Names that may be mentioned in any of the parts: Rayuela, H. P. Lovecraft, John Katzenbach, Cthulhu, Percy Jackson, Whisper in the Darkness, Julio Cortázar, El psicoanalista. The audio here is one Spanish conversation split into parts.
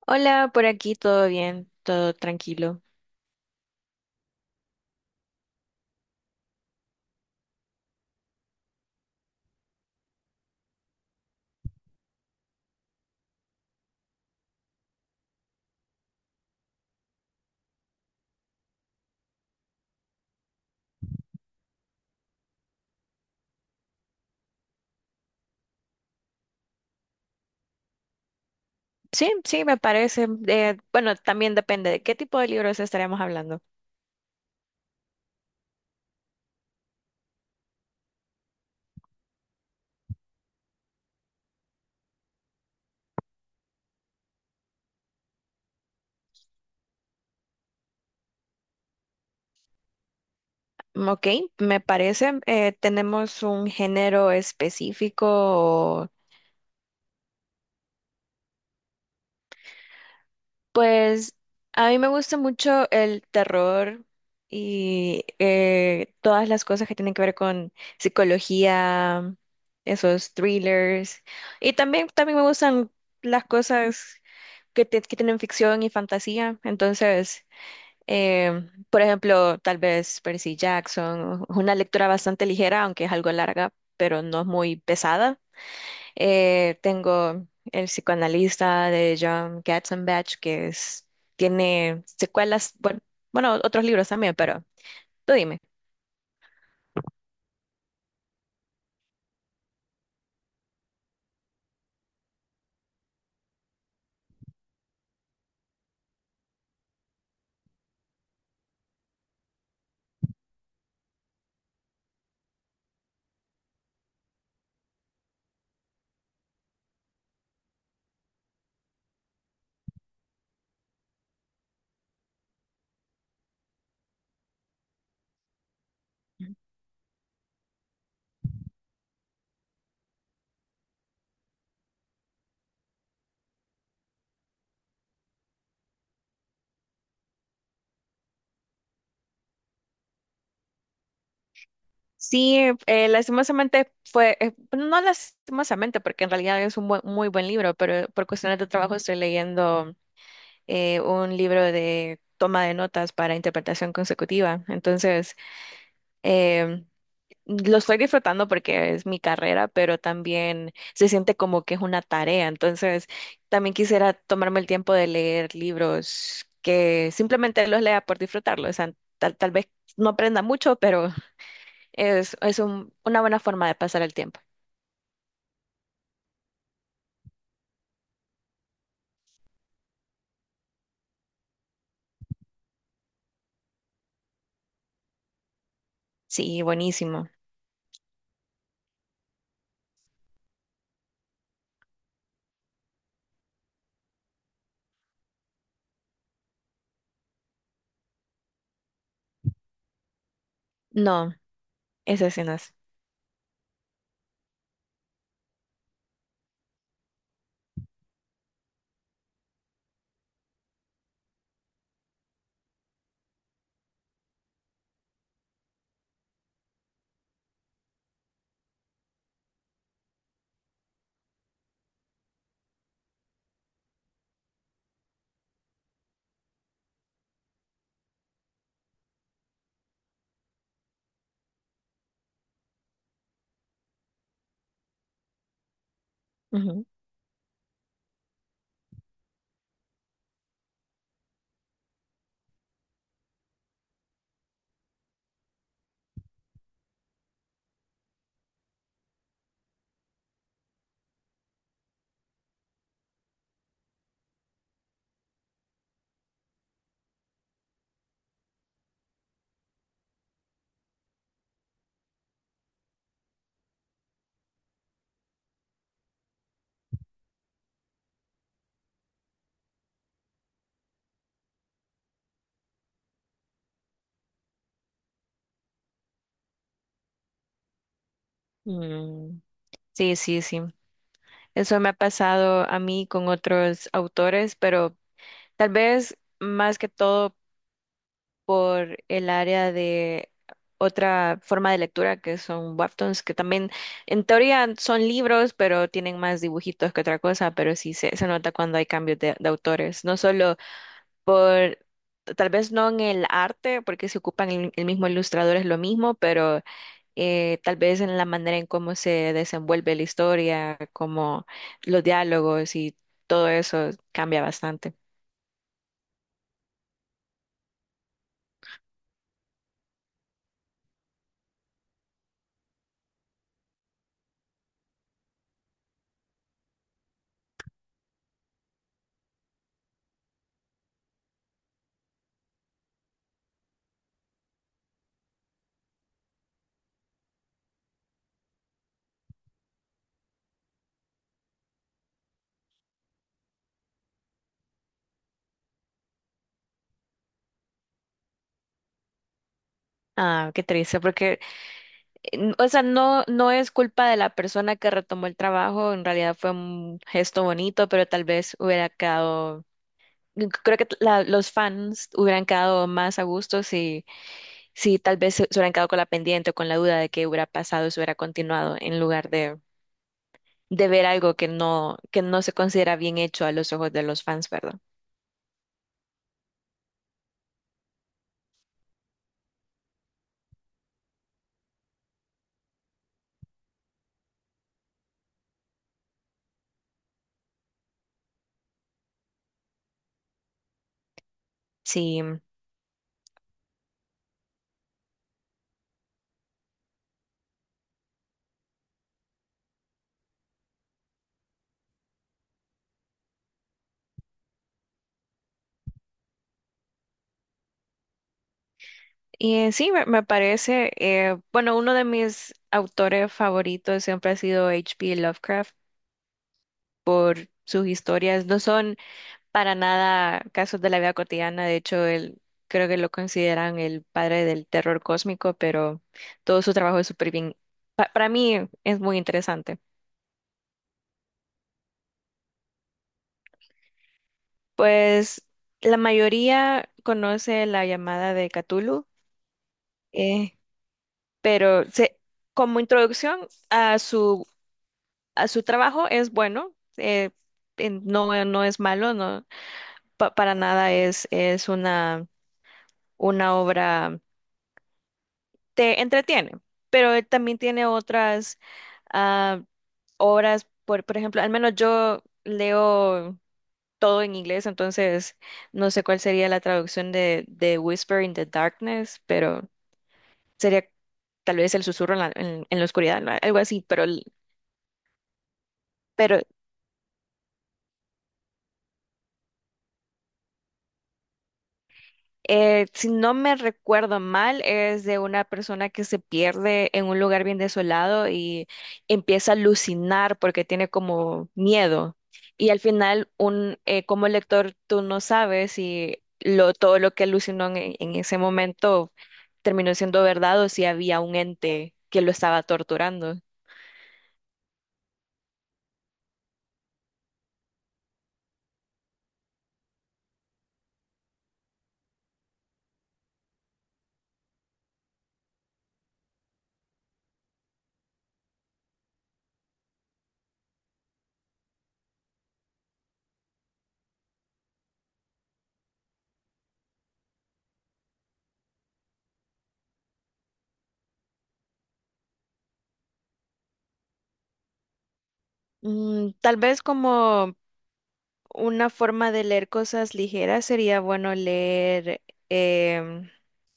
Hola, por aquí todo bien, todo tranquilo. Sí, sí, me parece. Bueno, también depende de qué tipo de libros estaremos hablando. Mm, ok, me parece. ¿Tenemos un género específico? O... Pues a mí me gusta mucho el terror y todas las cosas que tienen que ver con psicología, esos thrillers. Y también me gustan las cosas que tienen ficción y fantasía. Entonces... Por ejemplo, tal vez Percy Jackson, es una lectura bastante ligera, aunque es algo larga, pero no es muy pesada. Tengo El psicoanalista de John Katzenbach, que es, tiene secuelas, bueno, otros libros también, pero tú dime. Sí, no lastimosamente, porque en realidad es un muy buen libro, pero por cuestiones de trabajo estoy leyendo un libro de toma de notas para interpretación consecutiva. Entonces, Eh, lo estoy disfrutando porque es mi carrera, pero también se siente como que es una tarea. Entonces, también quisiera tomarme el tiempo de leer libros que simplemente los lea por disfrutarlos. O sea, tal vez no aprenda mucho, pero una buena forma de pasar el tiempo. Sí, buenísimo. No, ese sí no es. Ujú. Mm, sí, sí, sí. Eso me ha pasado a mí con otros autores, pero tal vez más que todo por el área de otra forma de lectura que son webtoons, que también en teoría son libros, pero tienen más dibujitos que otra cosa, pero sí se nota cuando hay cambios de autores, no solo por, tal vez no en el arte, porque se ocupan el mismo ilustrador, es lo mismo, pero tal vez en la manera en cómo se desenvuelve la historia, como los diálogos y todo eso cambia bastante. Ah, qué triste, porque o sea, no, no es culpa de la persona que retomó el trabajo, en realidad fue un gesto bonito, pero tal vez hubiera quedado, creo que los fans hubieran quedado más a gusto si, si tal vez se hubieran quedado con la pendiente o con la duda de qué hubiera pasado si hubiera continuado, en lugar de ver algo que no se considera bien hecho a los ojos de los fans, ¿verdad? Sí, sí, me parece. Bueno, uno de mis autores favoritos siempre ha sido H. P. Lovecraft, por sus historias. No son para nada casos de la vida cotidiana. De hecho, él creo que lo consideran el padre del terror cósmico, pero todo su trabajo es súper bien. Para mí es muy interesante. Pues la mayoría conoce La llamada de Cthulhu, eh, pero se- como introducción a a su trabajo es bueno. eh, no, no es malo, no, para nada. Es una obra, te entretiene, pero él también tiene otras ah, obras. Por ejemplo, al menos yo leo todo en inglés, entonces no sé cuál sería la traducción de Whisper in the Darkness, pero sería tal vez el susurro en la, en la oscuridad, ¿no? Algo así, pero, pero eh, si no me recuerdo mal, es de una persona que se pierde en un lugar bien desolado y empieza a alucinar porque tiene como miedo. Y al final, como lector, tú no sabes si todo lo que alucinó en ese momento terminó siendo verdad o si había un ente que lo estaba torturando. Mm, tal vez como una forma de leer cosas ligeras sería bueno leer em,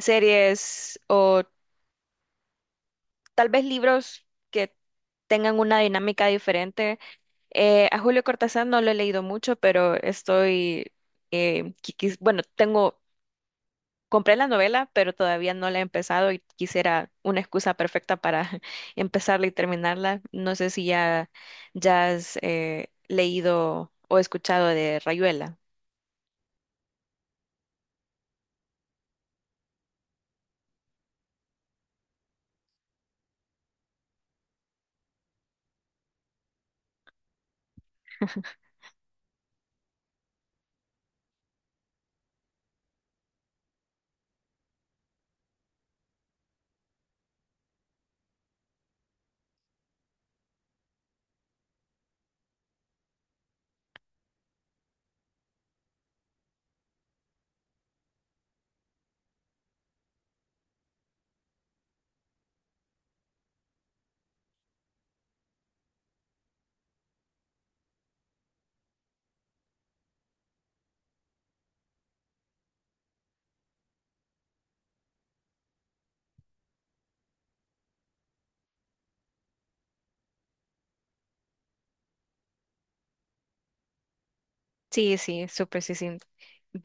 series o tal vez libros que tengan una dinámica diferente. A Julio Cortázar no lo he leído mucho, pero estoy, bueno, tengo, compré la novela, pero todavía no la he empezado y quisiera una excusa perfecta para empezarla y terminarla. No sé si ya has leído o escuchado de Rayuela. Sí, sí, súper, sí, sí.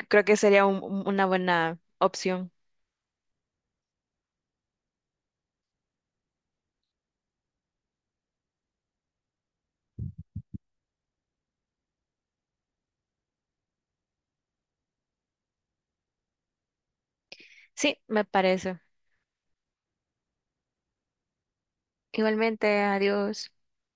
Creo que sería una buena opción. Sí, me parece. Igualmente, adiós.